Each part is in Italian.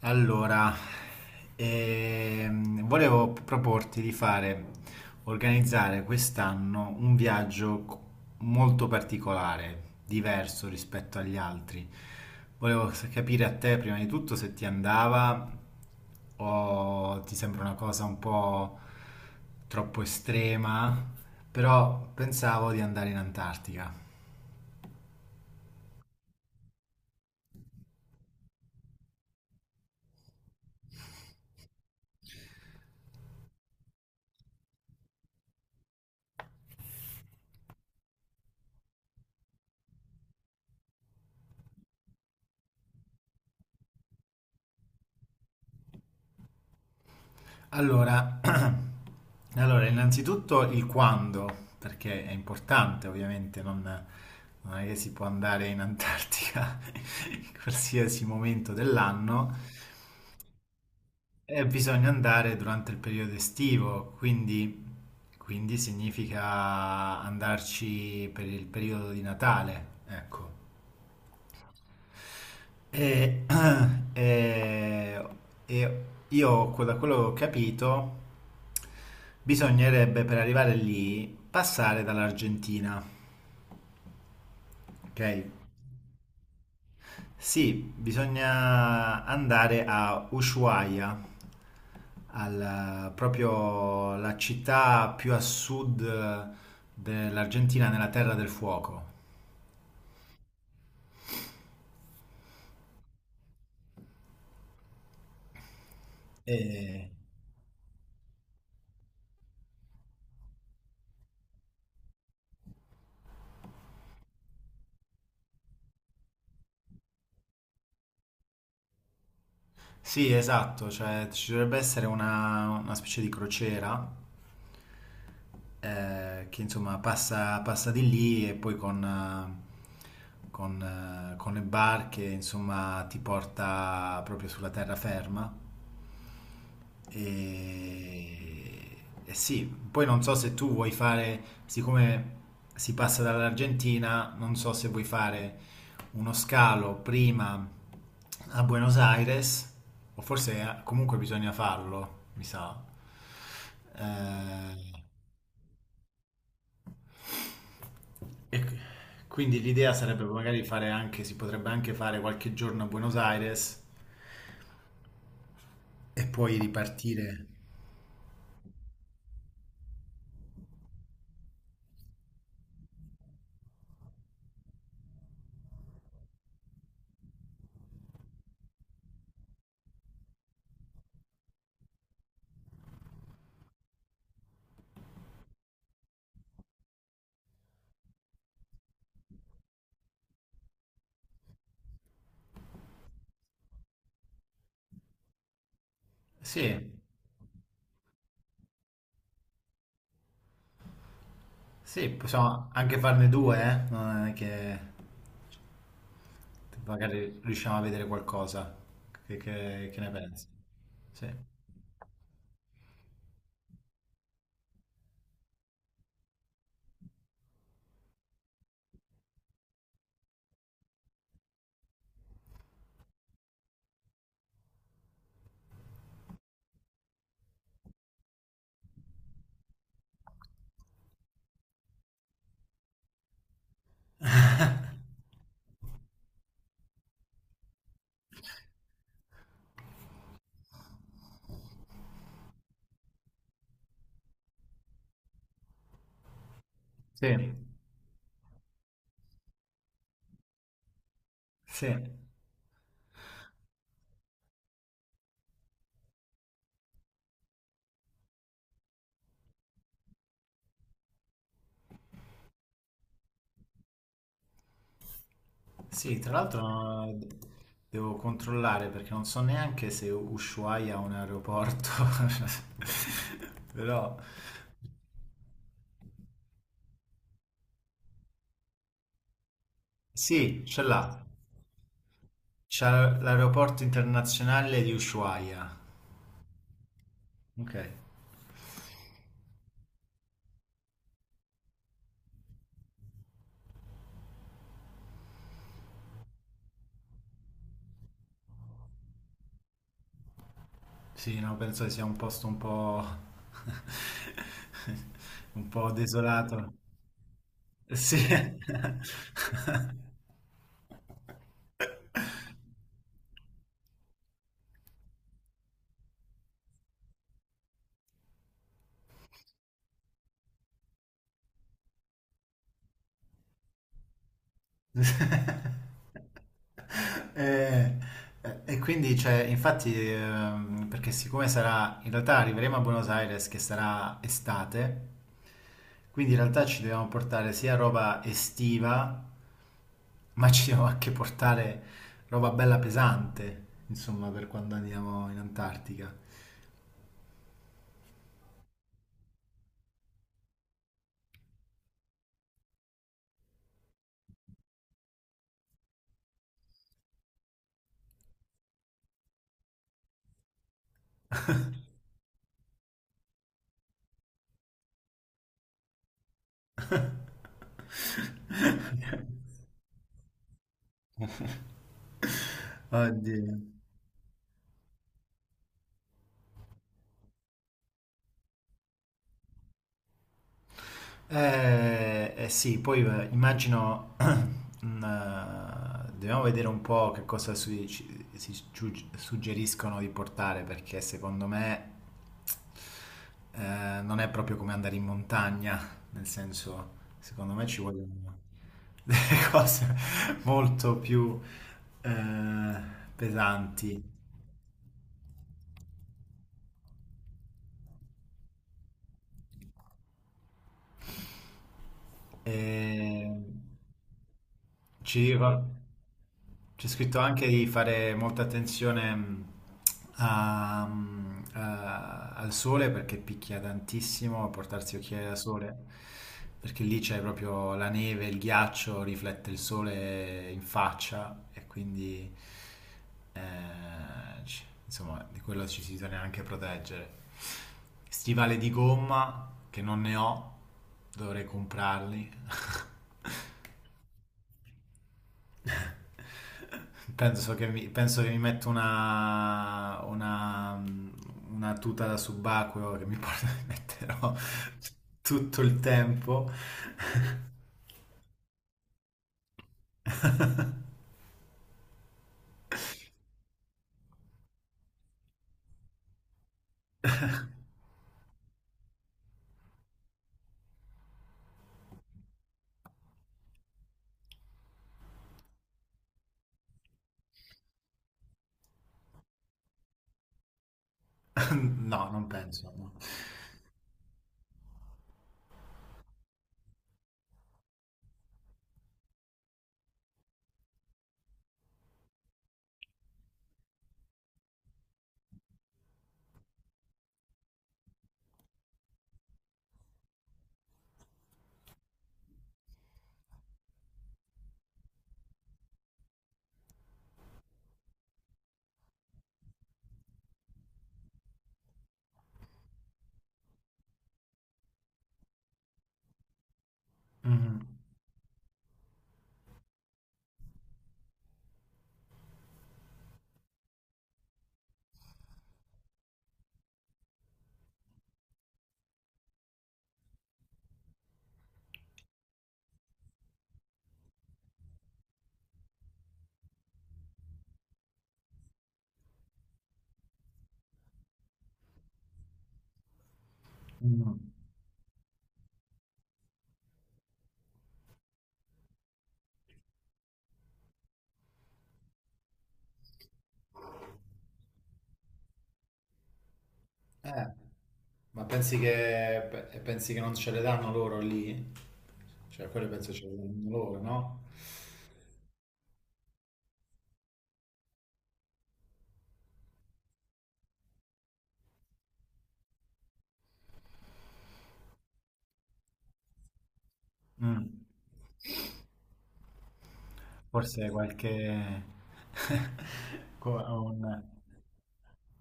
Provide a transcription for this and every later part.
Allora, volevo proporti di fare, organizzare quest'anno un viaggio molto particolare, diverso rispetto agli altri. Volevo capire a te prima di tutto se ti andava o ti sembra una cosa un po' troppo estrema, però pensavo di andare in Antartica. Allora, allora, innanzitutto il quando, perché è importante ovviamente, non, non è che si può andare in Antartica in qualsiasi momento dell'anno, e bisogna andare durante il periodo estivo, quindi significa andarci per il periodo di Natale, ecco. E, e- e io, da quello che ho capito, bisognerebbe per arrivare lì passare dall'Argentina, ok? Sì, bisogna andare a Ushuaia, proprio la città più a sud dell'Argentina, nella Terra del Fuoco. E- sì, esatto, cioè ci dovrebbe essere una specie di crociera che insomma passa di lì e poi con le barche insomma ti porta proprio sulla terraferma e, e sì, poi non so se tu vuoi fare, siccome si passa dall'Argentina, non so se vuoi fare uno scalo prima a Buenos Aires o forse comunque bisogna farlo, mi sa. Eh, E qui- quindi l'idea sarebbe magari fare anche, si potrebbe anche fare qualche giorno a Buenos Aires e poi ripartire. Sì, sì, possiamo anche farne due, eh? Non è che magari riusciamo a vedere qualcosa. Che ne pensi? Sì, sì, sì. Sì, tra l'altro devo controllare perché non so neanche se Ushuaia ha un aeroporto, però sì, ce l'ha. C'è l'aeroporto internazionale di Ushuaia. Ok. Sì, no, penso che sia un posto un po'... un po' desolato. Sì. Eh, E, quindi, cioè, infatti, perché siccome sarà, in realtà arriveremo a Buenos Aires che sarà estate, quindi in realtà ci dobbiamo portare sia roba estiva. Ma ci devo anche portare roba bella pesante, insomma, per quando andiamo in Antartica. Oddio. Eh sì, poi immagino, dobbiamo vedere un po' che cosa suggeriscono di portare, perché secondo me non è proprio come andare in montagna, nel senso, secondo me ci vogliono... delle cose molto più eh, pesanti. E ci va. C'è scritto anche di fare molta attenzione al sole perché picchia tantissimo, portarsi occhiali da sole, perché lì c'è proprio la neve, il ghiaccio, riflette il sole in faccia e quindi eh, insomma di quello ci si bisogna anche proteggere. Stivali di gomma che non ne ho, dovrei comprarli. Penso che mi metto una tuta da subacqueo che mi metterò tutto il tempo. No, non penso. No. Mhm, mhm. Eh, ma pensi che non ce le danno loro lì? Cioè, quelle penso ce le danno loro, no? Mm. Forse qualche, co- un,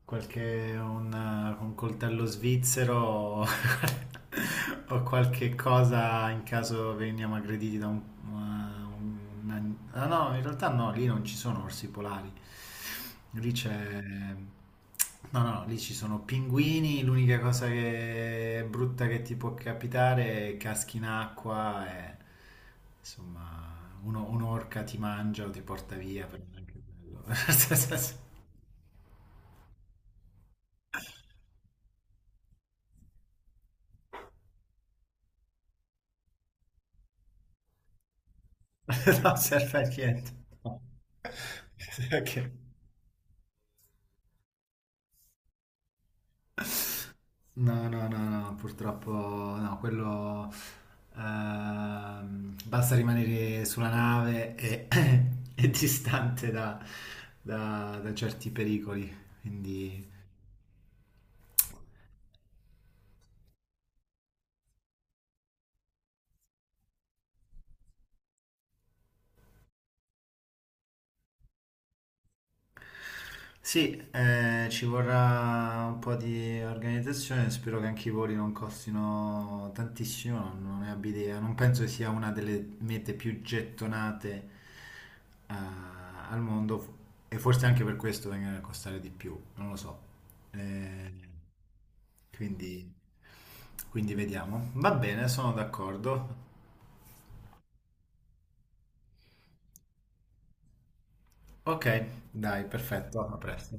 qualche un, un coltello svizzero o qualche cosa in caso veniamo aggrediti da un- ah, no, in realtà no, lì non ci sono orsi polari. Lì c'è... No, no, lì ci sono pinguini, l'unica cosa che è brutta che ti può capitare è caschi in acqua e... Insomma, un'orca ti mangia o ti porta via, però non è anche bello. Non serve a niente. No. Ok. No, no, no, no, purtroppo no, quello basta rimanere sulla nave e, e distante da, da certi pericoli, quindi sì, ci vorrà un po' di organizzazione, spero che anche i voli non costino tantissimo, non ne abbia idea, non penso che sia una delle mete più gettonate eh, al mondo e forse anche per questo vengono a costare di più, non lo so. Eh, quindi, quindi vediamo. Va bene, sono d'accordo. Ok, dai, perfetto, a presto.